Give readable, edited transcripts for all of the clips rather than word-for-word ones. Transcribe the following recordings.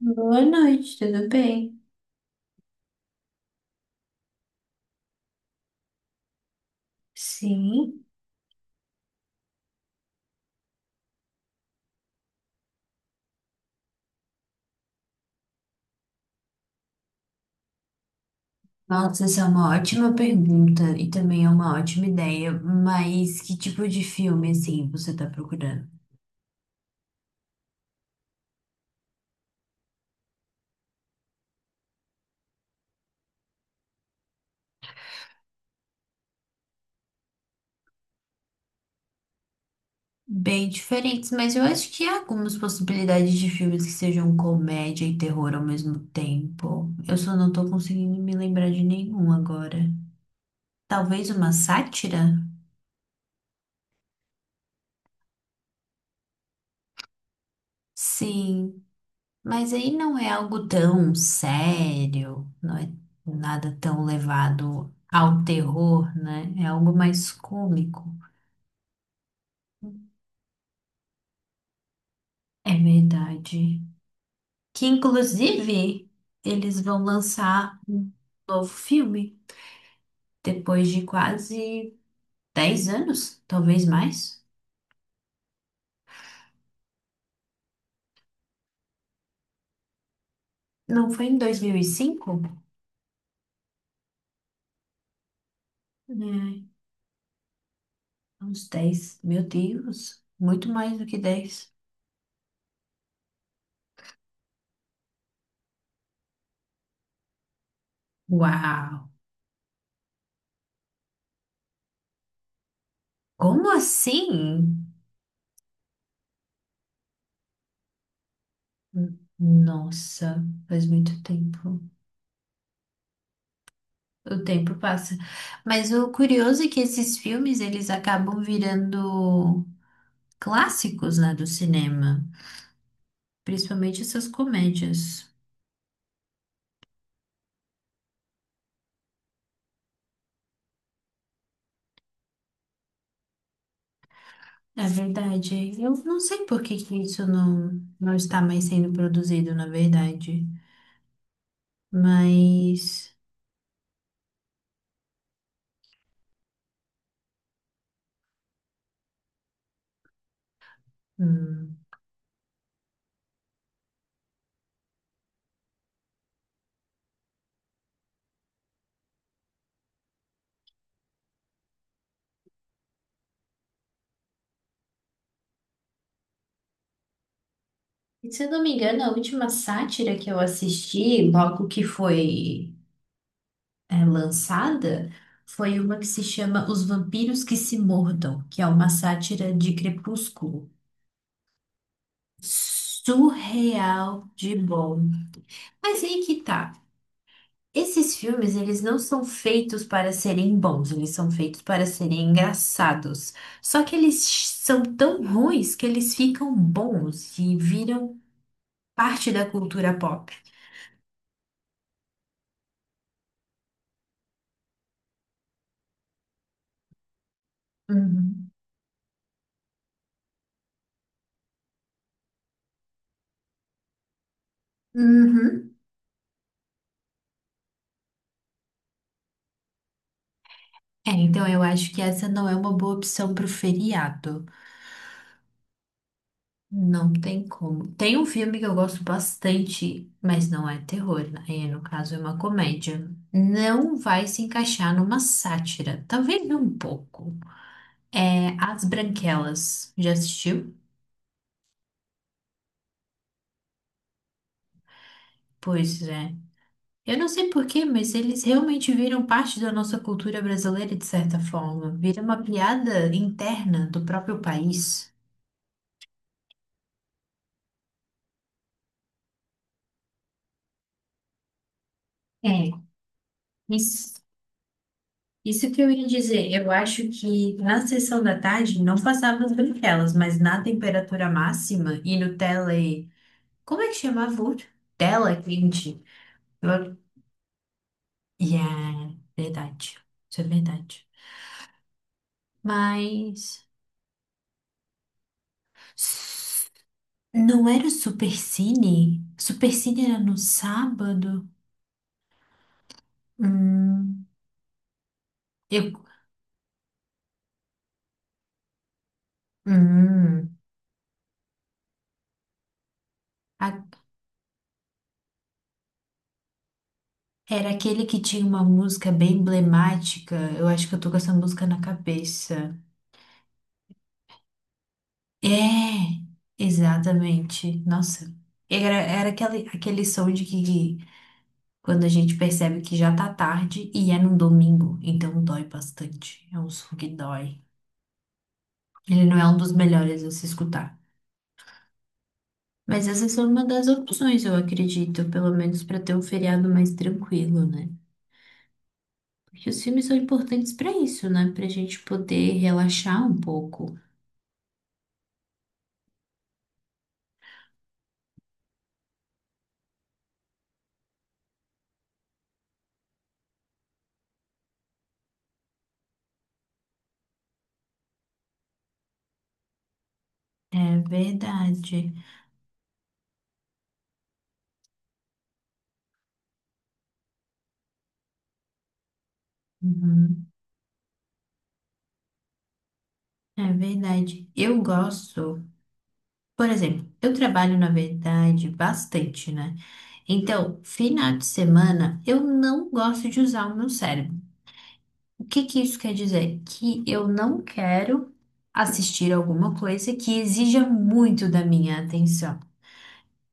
Boa noite, tudo bem? Sim. Nossa, essa é uma ótima pergunta e também é uma ótima ideia, mas que tipo de filme, assim, você tá procurando? Bem diferentes, mas eu acho que há algumas possibilidades de filmes que sejam comédia e terror ao mesmo tempo. Eu só não tô conseguindo me lembrar de nenhum agora. Talvez uma sátira? Sim. Mas aí não é algo tão sério, não é nada tão levado ao terror, né? É algo mais cômico. É verdade. Que inclusive eles vão lançar um novo filme depois de quase 10 anos, talvez mais. Não foi em 2005? É, uns 10, Meu Deus, muito mais do que 10. Uau! Como assim? Nossa, faz muito tempo. O tempo passa. Mas o curioso é que esses filmes eles acabam virando clássicos, né, do cinema, principalmente essas comédias. É verdade. Eu não sei por que que isso não está mais sendo produzido, na verdade. Mas, hum. E se eu não me engano, a última sátira que eu assisti, logo que foi lançada, foi uma que se chama Os Vampiros que se Mordam, que é uma sátira de Crepúsculo. Surreal de bom. Mas aí que tá. Esses filmes, eles não são feitos para serem bons, eles são feitos para serem engraçados. Só que eles são tão ruins que eles ficam bons e viram parte da cultura pop. Uhum. Uhum. É, então eu acho que essa não é uma boa opção pro feriado. Não tem como. Tem um filme que eu gosto bastante, mas não é terror, né? E, no caso, é uma comédia. Não vai se encaixar numa sátira, talvez um pouco. É As Branquelas. Já assistiu? Pois é. Eu não sei por quê, mas eles realmente viram parte da nossa cultura brasileira de certa forma. Vira uma piada interna do próprio país. É, isso. Isso que eu ia dizer, eu acho que na sessão da tarde não passava as branquelas, mas na temperatura máxima e no tele. Como é que chamava o outro? Tela quente. Eu... Yeah, verdade. Isso é verdade. Mas. Não era o Supercine? Supercine era no sábado? Hum, eu, hum, a- era aquele que tinha uma música bem emblemática. Eu acho que eu tô com essa música na cabeça. É, exatamente. Nossa, era aquele som de que quando a gente percebe que já tá tarde e é num domingo, então dói bastante. É um som que dói. Ele não é um dos melhores a se escutar. Mas essa são uma das opções, eu acredito, pelo menos para ter um feriado mais tranquilo, né? Porque os filmes são importantes para isso, né? Pra gente poder relaxar um pouco. É verdade. Uhum. É verdade. Eu gosto. Por exemplo, eu trabalho, na verdade, bastante, né? Então, final de semana, eu não gosto de usar o meu cérebro. O que que isso quer dizer? Que eu não quero assistir alguma coisa que exija muito da minha atenção.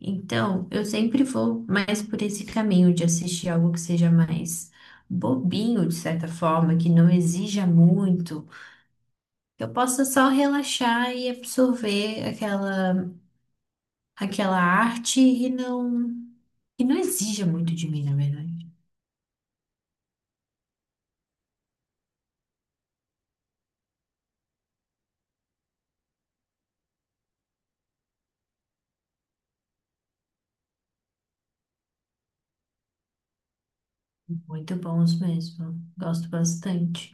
Então, eu sempre vou mais por esse caminho de assistir algo que seja mais bobinho, de certa forma, que não exija muito, que eu possa só relaxar e absorver aquela arte e não que não exija muito de mim, na verdade. Muito bons mesmo. Gosto bastante.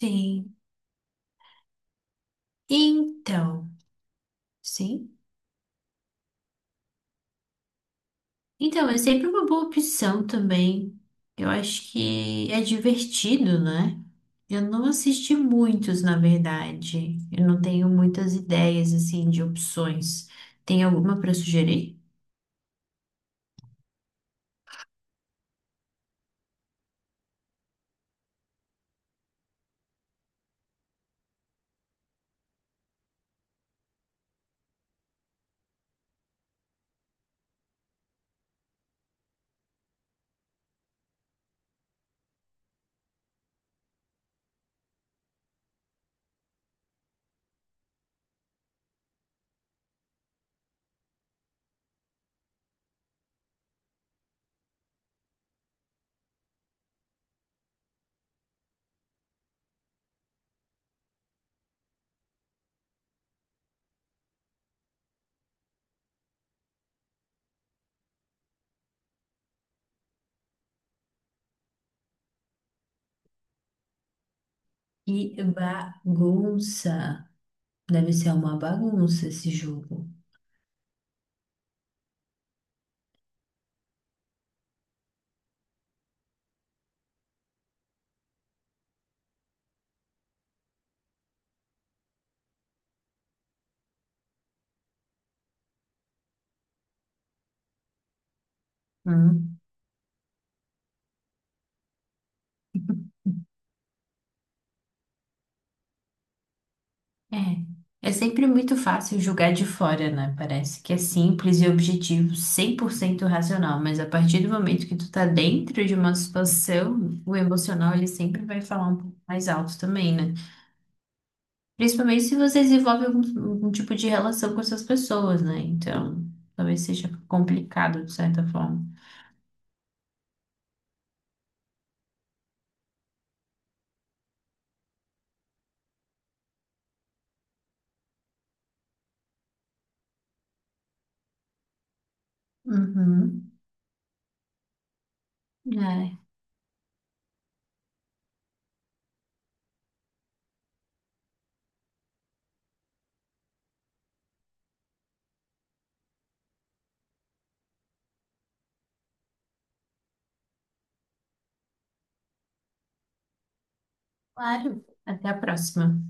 Sim. Então, sim. Então, é sempre uma boa opção também. Eu acho que é divertido, né? Eu não assisti muitos, na verdade. Eu não tenho muitas ideias, assim, de opções. Tem alguma para sugerir? E bagunça. Deve ser uma bagunça esse jogo. É. É sempre muito fácil julgar de fora, né? Parece que é simples e objetivo, 100% racional, mas a partir do momento que tu tá dentro de uma situação, o emocional ele sempre vai falar um pouco mais alto também, né? Principalmente se você desenvolve algum tipo de relação com essas pessoas, né? Então, talvez seja complicado de certa forma. Uhum. É, claro. Até a próxima.